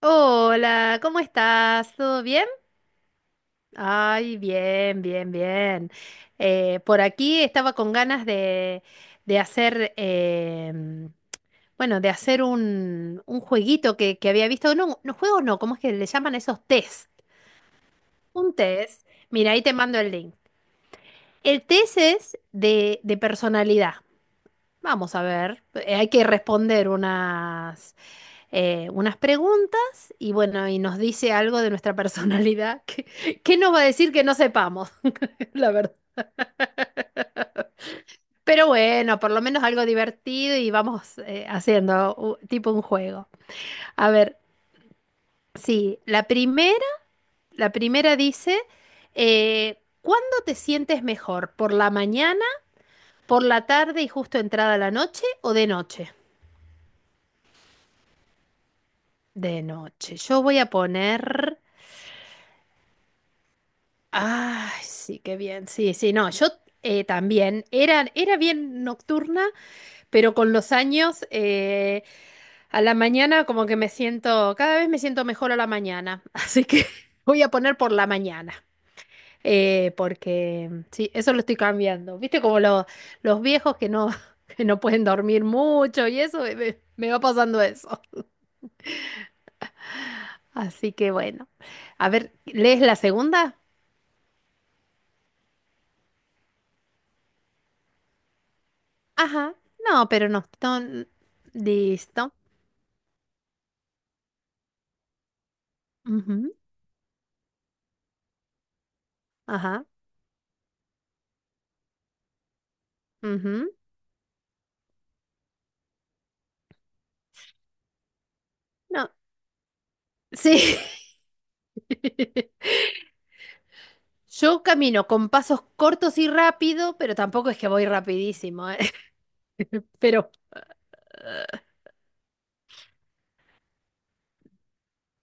Hola, ¿cómo estás? ¿Todo bien? Ay, bien, bien, bien. Por aquí estaba con ganas de hacer, bueno, de hacer un jueguito que había visto. No, no juegos no, ¿cómo es que le llaman esos test? Un test. Mira, ahí te mando el link. El test es de personalidad. Vamos a ver, hay que responder unas unas preguntas y bueno, y nos dice algo de nuestra personalidad. que qué nos va a decir que no sepamos, la verdad? Pero bueno, por lo menos algo divertido y vamos haciendo tipo un juego. A ver, sí, la primera dice, ¿cuándo te sientes mejor? ¿Por la mañana, por la tarde y justo entrada la noche o de noche? De noche. Yo voy a poner. Ay, sí, qué bien. Sí, sí, no, yo también era bien nocturna, pero con los años a la mañana como que me siento, cada vez me siento mejor a la mañana, así que voy a poner por la mañana, porque sí, eso lo estoy cambiando. Viste como los viejos que no, que no pueden dormir mucho y eso, me va pasando eso. Así que bueno, a ver, ¿lees la segunda? Ajá, no, pero no, no, listo. Ujú. Ajá. Ujú. No, sí. Yo camino con pasos cortos y rápido, pero tampoco es que voy rapidísimo, ¿eh? Pero,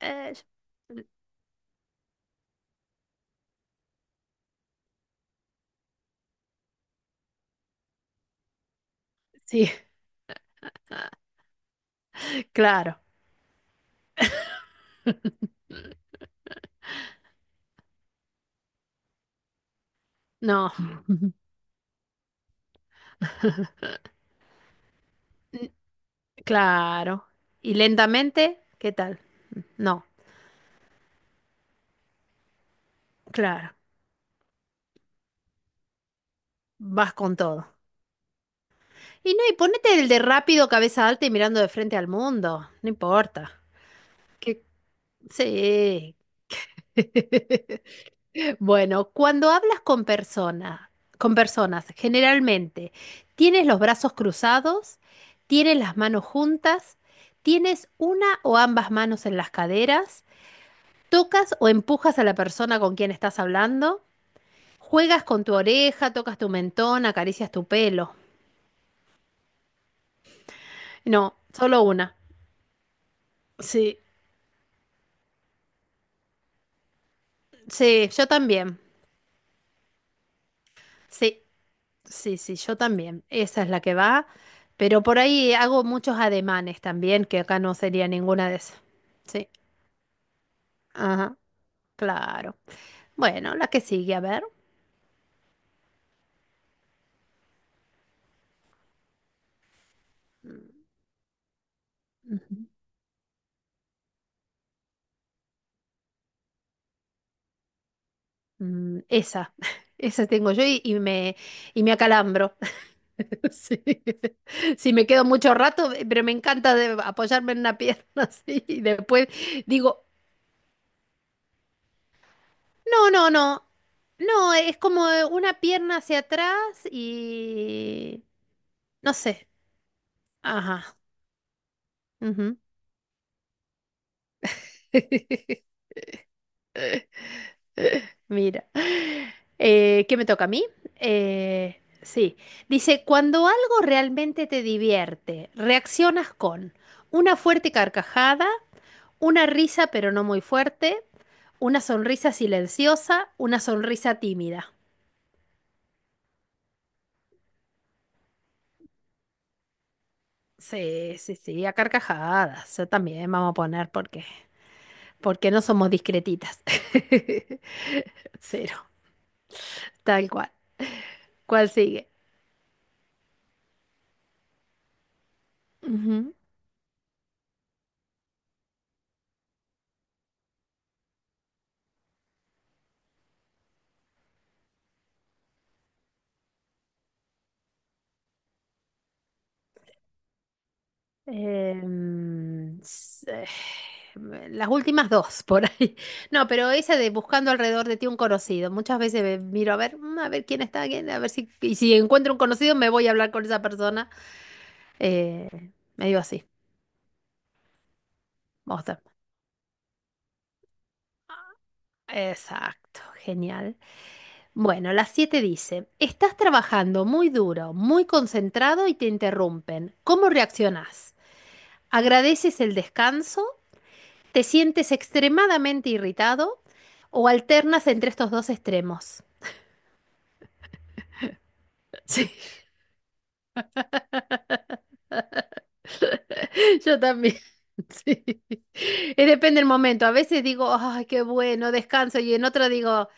eh, yo- sí, claro. No. N- Claro. ¿Y lentamente? ¿Qué tal? No, claro. Vas con todo. Y no, y ponete el de rápido, cabeza alta y mirando de frente al mundo. No importa. Que, sí. Bueno, cuando hablas con personas, generalmente, ¿tienes los brazos cruzados? ¿Tienes las manos juntas? ¿Tienes una o ambas manos en las caderas? ¿Tocas o empujas a la persona con quien estás hablando? ¿Juegas con tu oreja, tocas tu mentón, acaricias tu pelo? No, solo una. Sí, sí, yo también. Sí. Sí, sí, yo también. Esa es la que va. Pero por ahí hago muchos ademanes también, que acá no sería ninguna de esas. Sí, ajá, claro. Bueno, la que sigue, a ver. Ujú. Mm, esa, esa tengo yo y me acalambro. Sí. Sí, me quedo mucho rato, pero me encanta apoyarme en una pierna así. Y después digo, no, no, no. No, es como una pierna hacia atrás y... No sé. Ajá. Ujú. Mira. ¿Qué me toca a mí? Sí. Dice, cuando algo realmente te divierte, reaccionas con una fuerte carcajada, una risa pero no muy fuerte, una sonrisa silenciosa, una sonrisa tímida. Sí, sí, sí, a carcajadas. Yo también vamos a poner porque, no somos discretitas. Cero, tal cual. ¿Cuál sigue? Ujú. Em, s- eh, las últimas dos por ahí. No, pero esa de buscando alrededor de ti un conocido. Muchas veces miro a ver quién está, quién, a ver si, y si encuentro un conocido me voy a hablar con esa persona. Eh, medio así. Vamos a ver. Exacto, genial. Bueno, las siete dice, estás trabajando muy duro, muy concentrado y te interrumpen. ¿Cómo reaccionás? ¿Agradeces el descanso? ¿Te sientes extremadamente irritado o alternas entre estos dos extremos? Sí, yo también. Sí. Depende del momento. A veces digo, ay, qué bueno, descanso. Y en otro digo,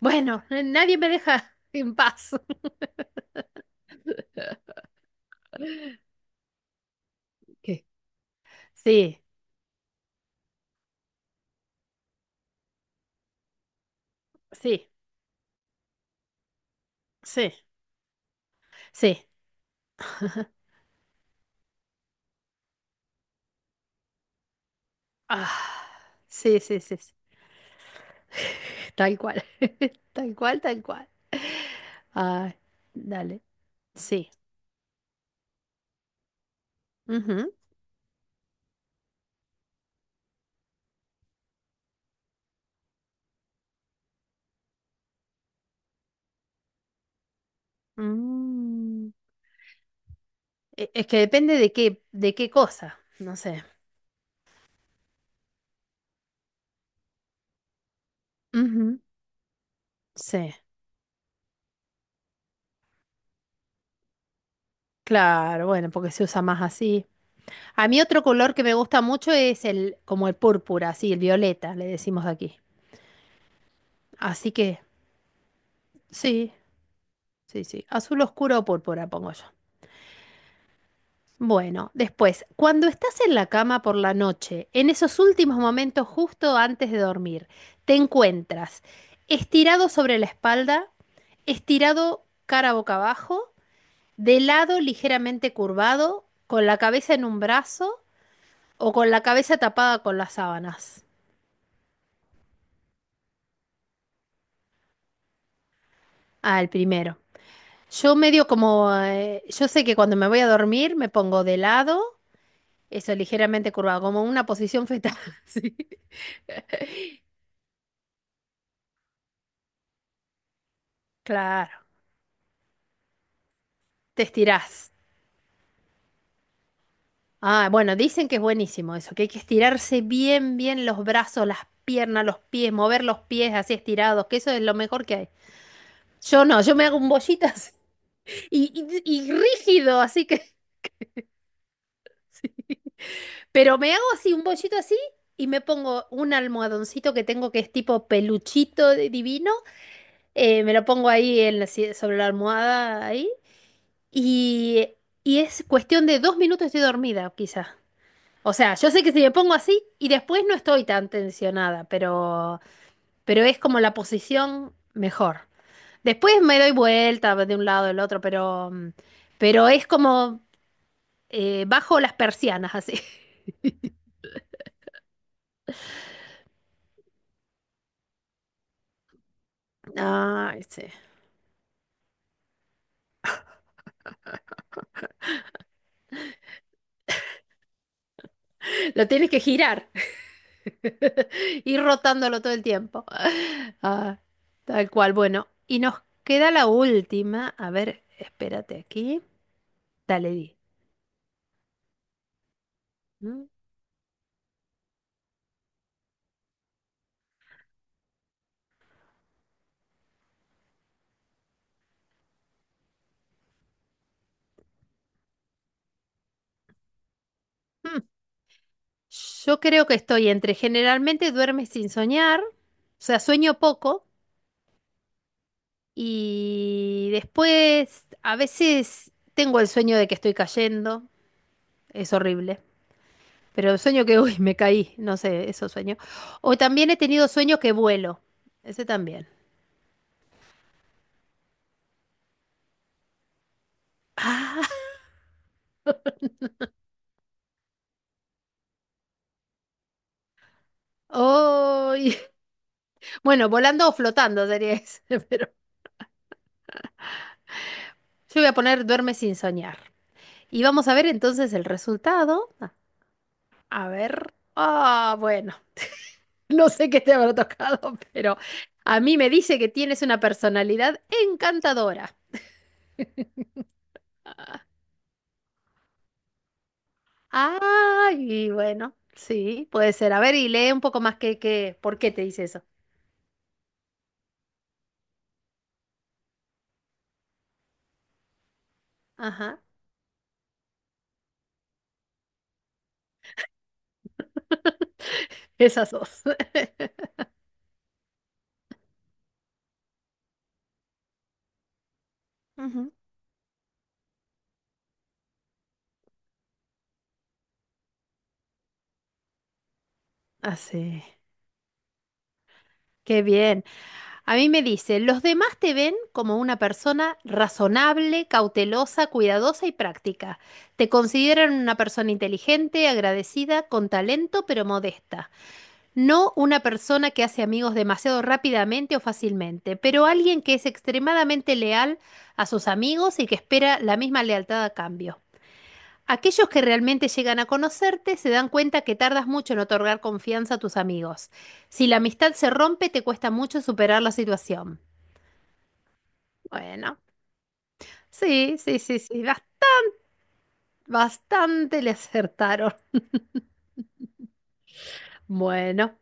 bueno, nadie me deja en paz. ¿Qué? Sí, sí, sí, sí. Ah, sí, sí, sí, sí. Tal cual. Tal cual, tal cual. Ay, dale. Sí. Ujú. Mm. Es que depende de qué cosa, no sé. Ujú. Sí, claro, bueno, porque se usa más así. A mí otro color que me gusta mucho es el, como el púrpura, así, el violeta, le decimos aquí. Así que, sí, sí, sí. Azul oscuro o púrpura, pongo yo. Bueno, después, cuando estás en la cama por la noche, en esos últimos momentos justo antes de dormir, te encuentras estirado sobre la espalda, estirado cara boca abajo, de lado ligeramente curvado, con la cabeza en un brazo o con la cabeza tapada con las sábanas. Ah, el primero. Yo sé que cuando me voy a dormir me pongo de lado, eso ligeramente curvado, como una posición fetal. Sí. Claro, te estirás. Ah, bueno, dicen que es buenísimo eso, que hay que estirarse bien, bien los brazos, las piernas, los pies, mover los pies así estirados, que eso es lo mejor que hay. Yo no, yo me hago un bollitas y rígido, así que. Pero me hago así, un bollito así, y me pongo un almohadoncito que tengo que es tipo peluchito divino. Me lo pongo ahí en la si- sobre la almohada ahí. Y, y es cuestión de 2 minutos estoy dormida, quizá. O sea, yo sé que si me pongo así y después no estoy tan tensionada, pero, es como la posición mejor. Después me doy vuelta de un lado al otro, pero, pero es como bajo las persianas así. Ay, sí. Lo tienes que girar. Ir rotándolo todo el tiempo. Ah, tal cual. Bueno, y nos queda la última. A ver, espérate aquí. Dale, di. Mm. Mm. Yo creo que estoy entre generalmente duermes sin soñar, o sea, sueño poco, y después a veces tengo el sueño de que estoy cayendo, es horrible, pero el sueño que, uy, me caí, no sé, eso sueño. O también he tenido sueños que vuelo, ese también. Ah. Ay. Bueno, volando o flotando sería ese, pero yo voy a poner duerme sin soñar. Y vamos a ver entonces el resultado. A ver. Ah, bueno, no sé qué te habrá tocado, pero a mí me dice que tienes una personalidad encantadora. Ah, y bueno, sí, puede ser. A ver, y lee un poco más que, ¿por qué te dice eso? Ajá, esas dos. Ujú. Así. Qué bien. A mí me dice, los demás te ven como una persona razonable, cautelosa, cuidadosa y práctica. Te consideran una persona inteligente, agradecida, con talento, pero modesta. No una persona que hace amigos demasiado rápidamente o fácilmente, pero alguien que es extremadamente leal a sus amigos y que espera la misma lealtad a cambio. Aquellos que realmente llegan a conocerte se dan cuenta que tardas mucho en otorgar confianza a tus amigos. Si la amistad se rompe, te cuesta mucho superar la situación. Bueno, sí, sí, sí, sí, bastante le acertaron. Bueno,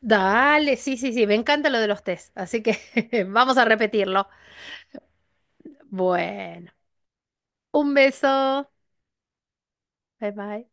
dale, sí, sí, sí, me encanta lo de los test, así que vamos a repetirlo. Bueno, un beso, bye bye.